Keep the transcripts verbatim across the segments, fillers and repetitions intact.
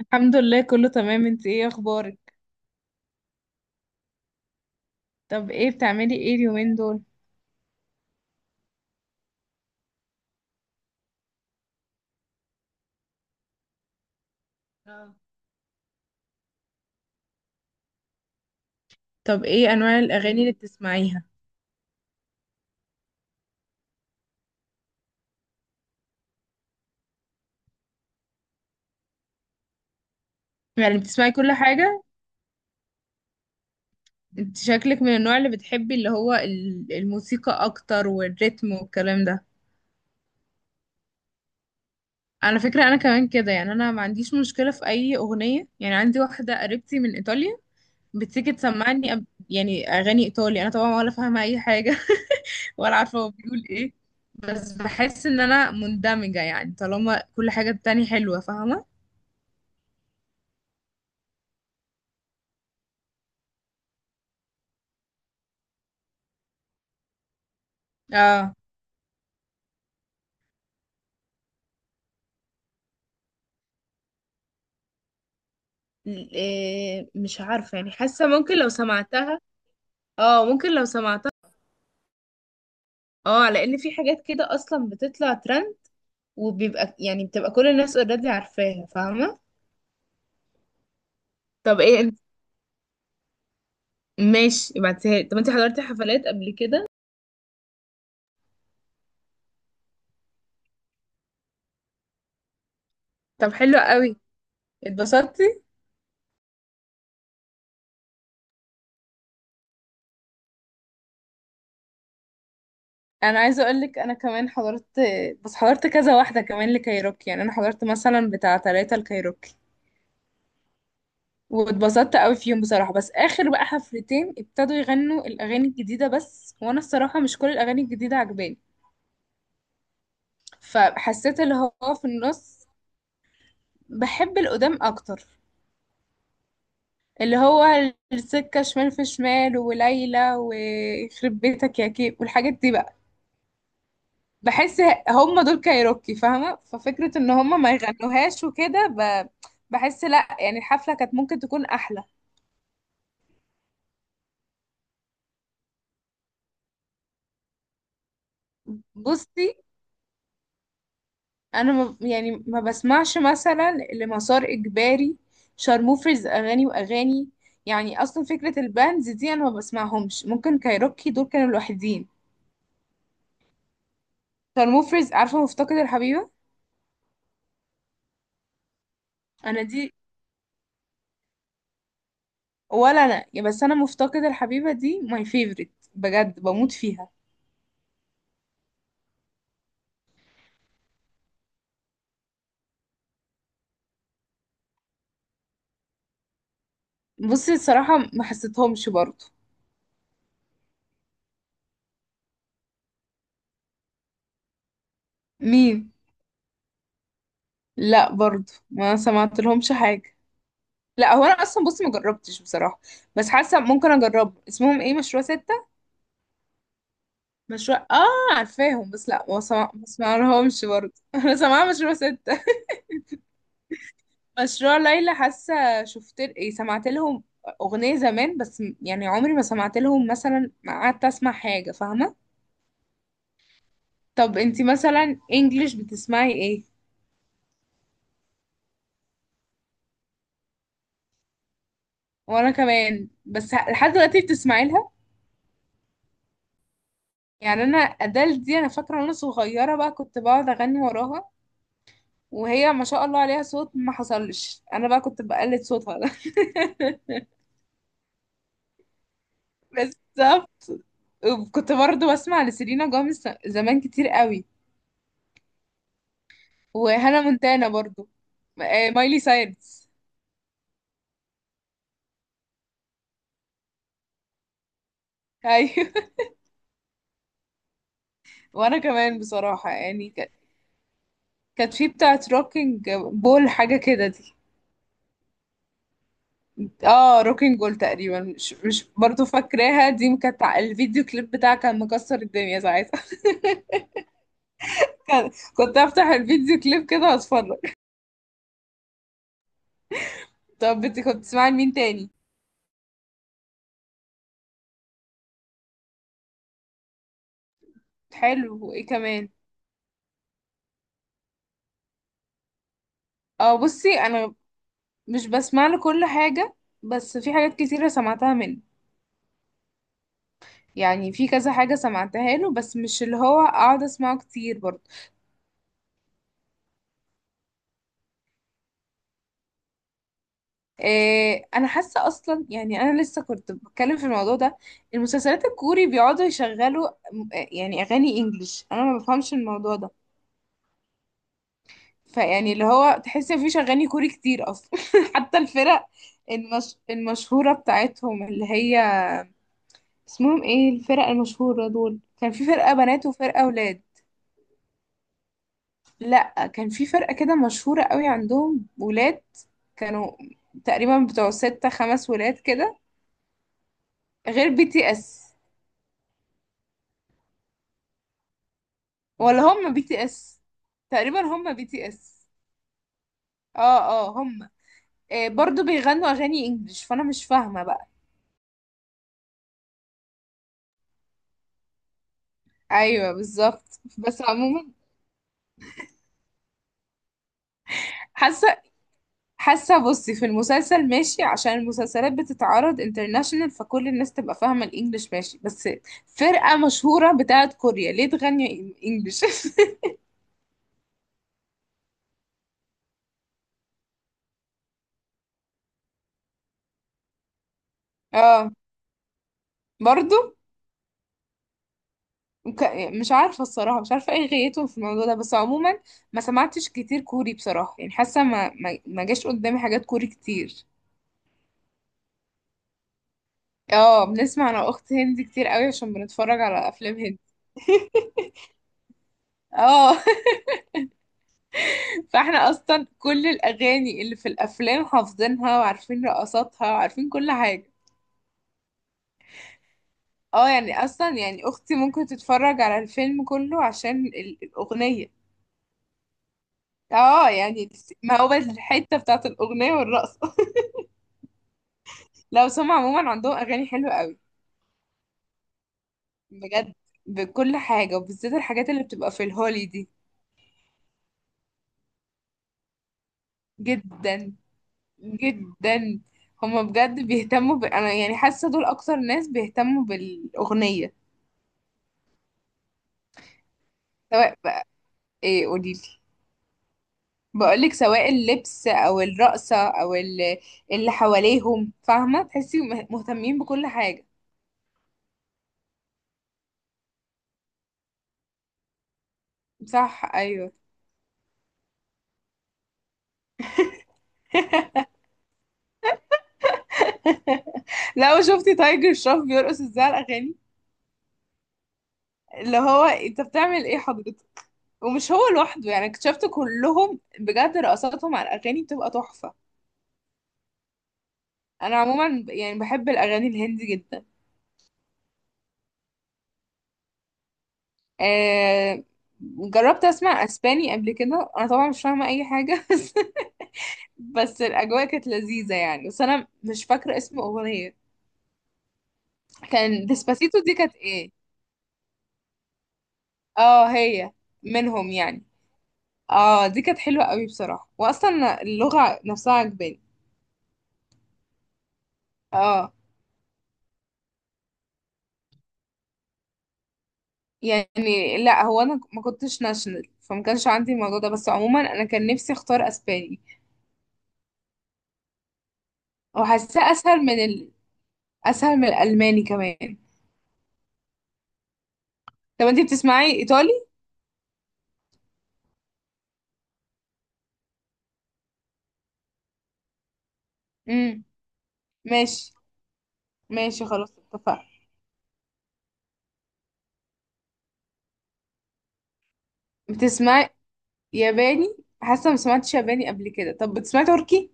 الحمد لله، كله تمام. انت ايه اخبارك؟ طب ايه بتعملي ايه اليومين دول؟ اه. طب ايه انواع الاغاني اللي بتسمعيها؟ يعني بتسمعي كل حاجة؟ انت شكلك من النوع اللي بتحبي اللي هو ال- الموسيقى اكتر، والريتم والكلام ده. على فكرة انا كمان كده. يعني انا ما عنديش مشكلة في اي اغنية، يعني عندي واحدة قريبتي من ايطاليا بتيجي تسمعني أب- يعني اغاني ايطالي، انا طبعا ولا فاهمة اي حاجة. ولا عارفة هو بيقول ايه. بس بحس ان انا مندمجة، يعني طالما كل حاجة التانية حلوة. فاهمة؟ اه. ل- إيه، مش عارفة. يعني حاسة ممكن لو سمعتها. اه، ممكن لو سمعتها. اه، لان في حاجات كده اصلا بتطلع ترند، وبيبقى يعني بتبقى كل الناس اوريدي عارفاها. فاهمة؟ طب ايه انت؟ ماشي، ابعتيها لي. طب انت حضرتي حفلات قبل كده؟ طب حلو قوي. اتبسطتي؟ انا عايزه اقول لك انا كمان حضرت. بس حضرت كذا واحده كمان لكايروكي. يعني انا حضرت مثلا بتاع ثلاثه لكايروكي. واتبسطت قوي فيهم بصراحة. بس آخر بقى حفلتين ابتدوا يغنوا الأغاني الجديدة بس، وأنا الصراحة مش كل الأغاني الجديدة عجباني. فحسيت اللي هو في النص. بحب القدام أكتر. اللي هو السكة شمال، في شمال، وليلى، ويخرب بيتك يا كيك، والحاجات دي بقى. بحس هم دول كايروكي، فاهمة. ففكرة ان هم ما يغنوهاش وكده ب... بحس لا، يعني الحفلة كانت ممكن تكون أحلى. بصي انا ما يعني ما بسمعش مثلا لمسار اجباري، شارموفرز، اغاني واغاني. يعني اصلا فكره الباندز دي انا ما بسمعهمش. ممكن كايروكي دول كانوا لوحدين. شارموفرز، عارفه مفتقد الحبيبه؟ انا دي، ولا انا يا، بس انا مفتقد الحبيبه دي ماي فيفورت. بجد بموت فيها. بصي الصراحه ما حسيتهمش برضو. مين؟ لا، برضو ما سمعت لهمش حاجه. لا، هو انا اصلا بصي ما جربتش بصراحه. بس حاسه ممكن اجرب. اسمهم ايه؟ مشروع ست، مشروع، اه، عارفاهم. بس لا، ما سمع... ما سمعلهمش برضه. انا سامعه مشروع ستة. مشروع ليلى حاسه شفت؟ ايه، سمعت لهم اغنيه زمان. بس م- يعني عمري ما سمعت لهم مثلا، ما قعدت اسمع حاجه. فاهمه؟ طب انتي مثلا انجليش بتسمعي ايه؟ وانا كمان. بس ه- لحد دلوقتي بتسمعي لها؟ يعني انا ادال دي انا فاكره، وانا صغيره بقى كنت بقعد اغني وراها. وهي ما شاء الله عليها صوت ما حصلش. انا بقى كنت بقلد صوتها ده. بس كنت برضو بسمع لسيلينا جوميز زمان كتير قوي. وهانا مونتانا برضو. آه، مايلي سايرس. ايوه. وانا كمان بصراحة يعني ك- كانت في بتاعت روكينج بول، حاجة كده دي. اه، روكينج بول تقريبا. مش مش برضو فاكراها. دي كانت ع- الفيديو كليب بتاعها كان مكسر الدنيا ساعتها. كان- كنت افتح الفيديو كليب كده واتفرج. طب انت كنت بتسمعي لمين تاني؟ حلو، وايه كمان؟ اه، بصي انا مش بسمع له كل حاجة. بس في حاجات كتيرة سمعتها منه. يعني في كذا حاجة سمعتها له، بس مش اللي هو اقعد اسمعه كتير برضه. إيه، انا حاسة اصلا يعني انا لسه كنت بتكلم في الموضوع ده. المسلسلات الكوري بيقعدوا يشغلوا م- آه، يعني اغاني انجليش، انا ما بفهمش الموضوع ده. فيعني اللي هو تحس ان مفيش اغاني كوري كتير اصلا. حتى الفرق المش... المشهورة بتاعتهم، اللي هي اسمهم ايه الفرق المشهورة دول، كان في فرقة بنات وفرقة ولاد. لا، كان في فرقة كده مشهورة قوي عندهم، ولاد، كانوا تقريبا بتوع ستة، خمس ولاد كده. غير بي تي اس. ولا هم بي تي اس؟ تقريبا هم بي تي اس. اه، اه، هم. آه، برضو بيغنوا اغاني انجلش، فانا مش فاهمة بقى. ايوه بالظبط. بس عموما حاسة حاسة بصي في المسلسل ماشي، عشان المسلسلات بتتعرض انترناشونال، فكل الناس تبقى فاهمة الانجليش. ماشي، بس فرقة مشهورة بتاعت كوريا ليه تغني انجلش؟ اه. برضو. وك- مش عارفة الصراحة، مش عارفة ايه غايتهم في الموضوع ده. بس عموما ما سمعتش كتير كوري بصراحة، يعني حاسة ما ما ما جاش قدامي حاجات كوري كتير. اه، بنسمع انا واخت هندي كتير قوي، عشان بنتفرج على افلام هندي. اه. فاحنا اصلا كل الاغاني اللي في الافلام حافظينها، وعارفين رقصاتها، وعارفين كل حاجة. اه يعني اصلا، يعني اختي ممكن تتفرج على الفيلم كله عشان ال- الاغنية. اه يعني، ما هو بس الحتة بتاعت الاغنية والرقص. لا، بس هم عموما عندهم اغاني حلوه قوي. بجد بكل حاجه، وبالذات الحاجات اللي بتبقى في الهولي دي. جدا، جدا. هم بجد بيهتموا ب... انا يعني حاسه دول اكتر ناس بيهتموا بالاغنيه. سواء بقى، ايه، قوليلي. بقولك سواء اللبس او الرقصه او ال- اللي حواليهم، فاهمه، تحسي مه- مهتمين بكل حاجه. صح، ايوه. لو شفتي تايجر شروف بيرقص ازاي على الاغاني، اللي هو انت بتعمل ايه حضرتك؟ ومش هو لوحده، يعني اكتشفت كلهم بجد رقصاتهم على الاغاني بتبقى تحفه. انا عموما ب- يعني بحب الاغاني الهندي جدا. آه جربت اسمع اسباني قبل كده، انا طبعا مش فاهمه اي حاجه. بس بس الاجواء كانت لذيذه يعني، بس انا مش فاكره اسم اغنيه. كان ديسباسيتو، دي كانت ايه؟ اه، هي منهم يعني. اه، دي كانت حلوه قوي بصراحه، واصلا اللغه نفسها عجباني. اه يعني لا، هو انا ما كنتش ناشونال فما كانش عندي الموضوع ده. بس عموما انا كان نفسي اختار اسباني. وحاساه اسهل من ال... اسهل من الالماني كمان. طب انتي بتسمعي ايطالي؟ امم ماشي. ماشي، خلاص اتفقنا. بتسمعي ياباني؟ حاسه ما سمعتش ياباني قبل كده. طب بتسمعي تركي؟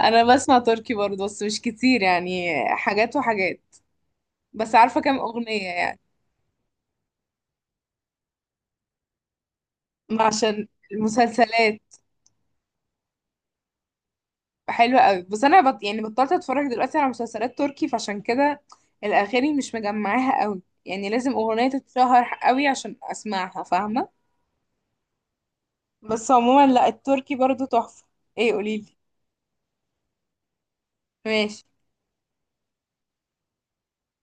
انا بسمع تركي برضه بس مش كتير يعني، حاجات وحاجات. بس عارفه كام اغنيه يعني. عشان المسلسلات حلوة قوي. بس انا بط... يعني بطلت اتفرج دلوقتي على مسلسلات تركي، فعشان كده الاغاني مش مجمعاها قوي. يعني لازم اغنية تتشهر قوي عشان اسمعها. فاهمة؟ بس عموما لا، التركي برضو تحفة. ايه، قوليلي. ماشي،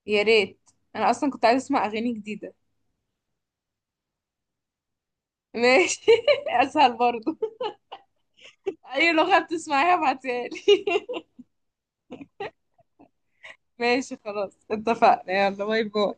يا ريت. انا اصلا كنت عايزة اسمع اغاني جديدة. ماشي. اسهل برضو. اي لغة بتسمعيها ابعتيها لي. ماشي، خلاص اتفقنا. يلا، باي باي.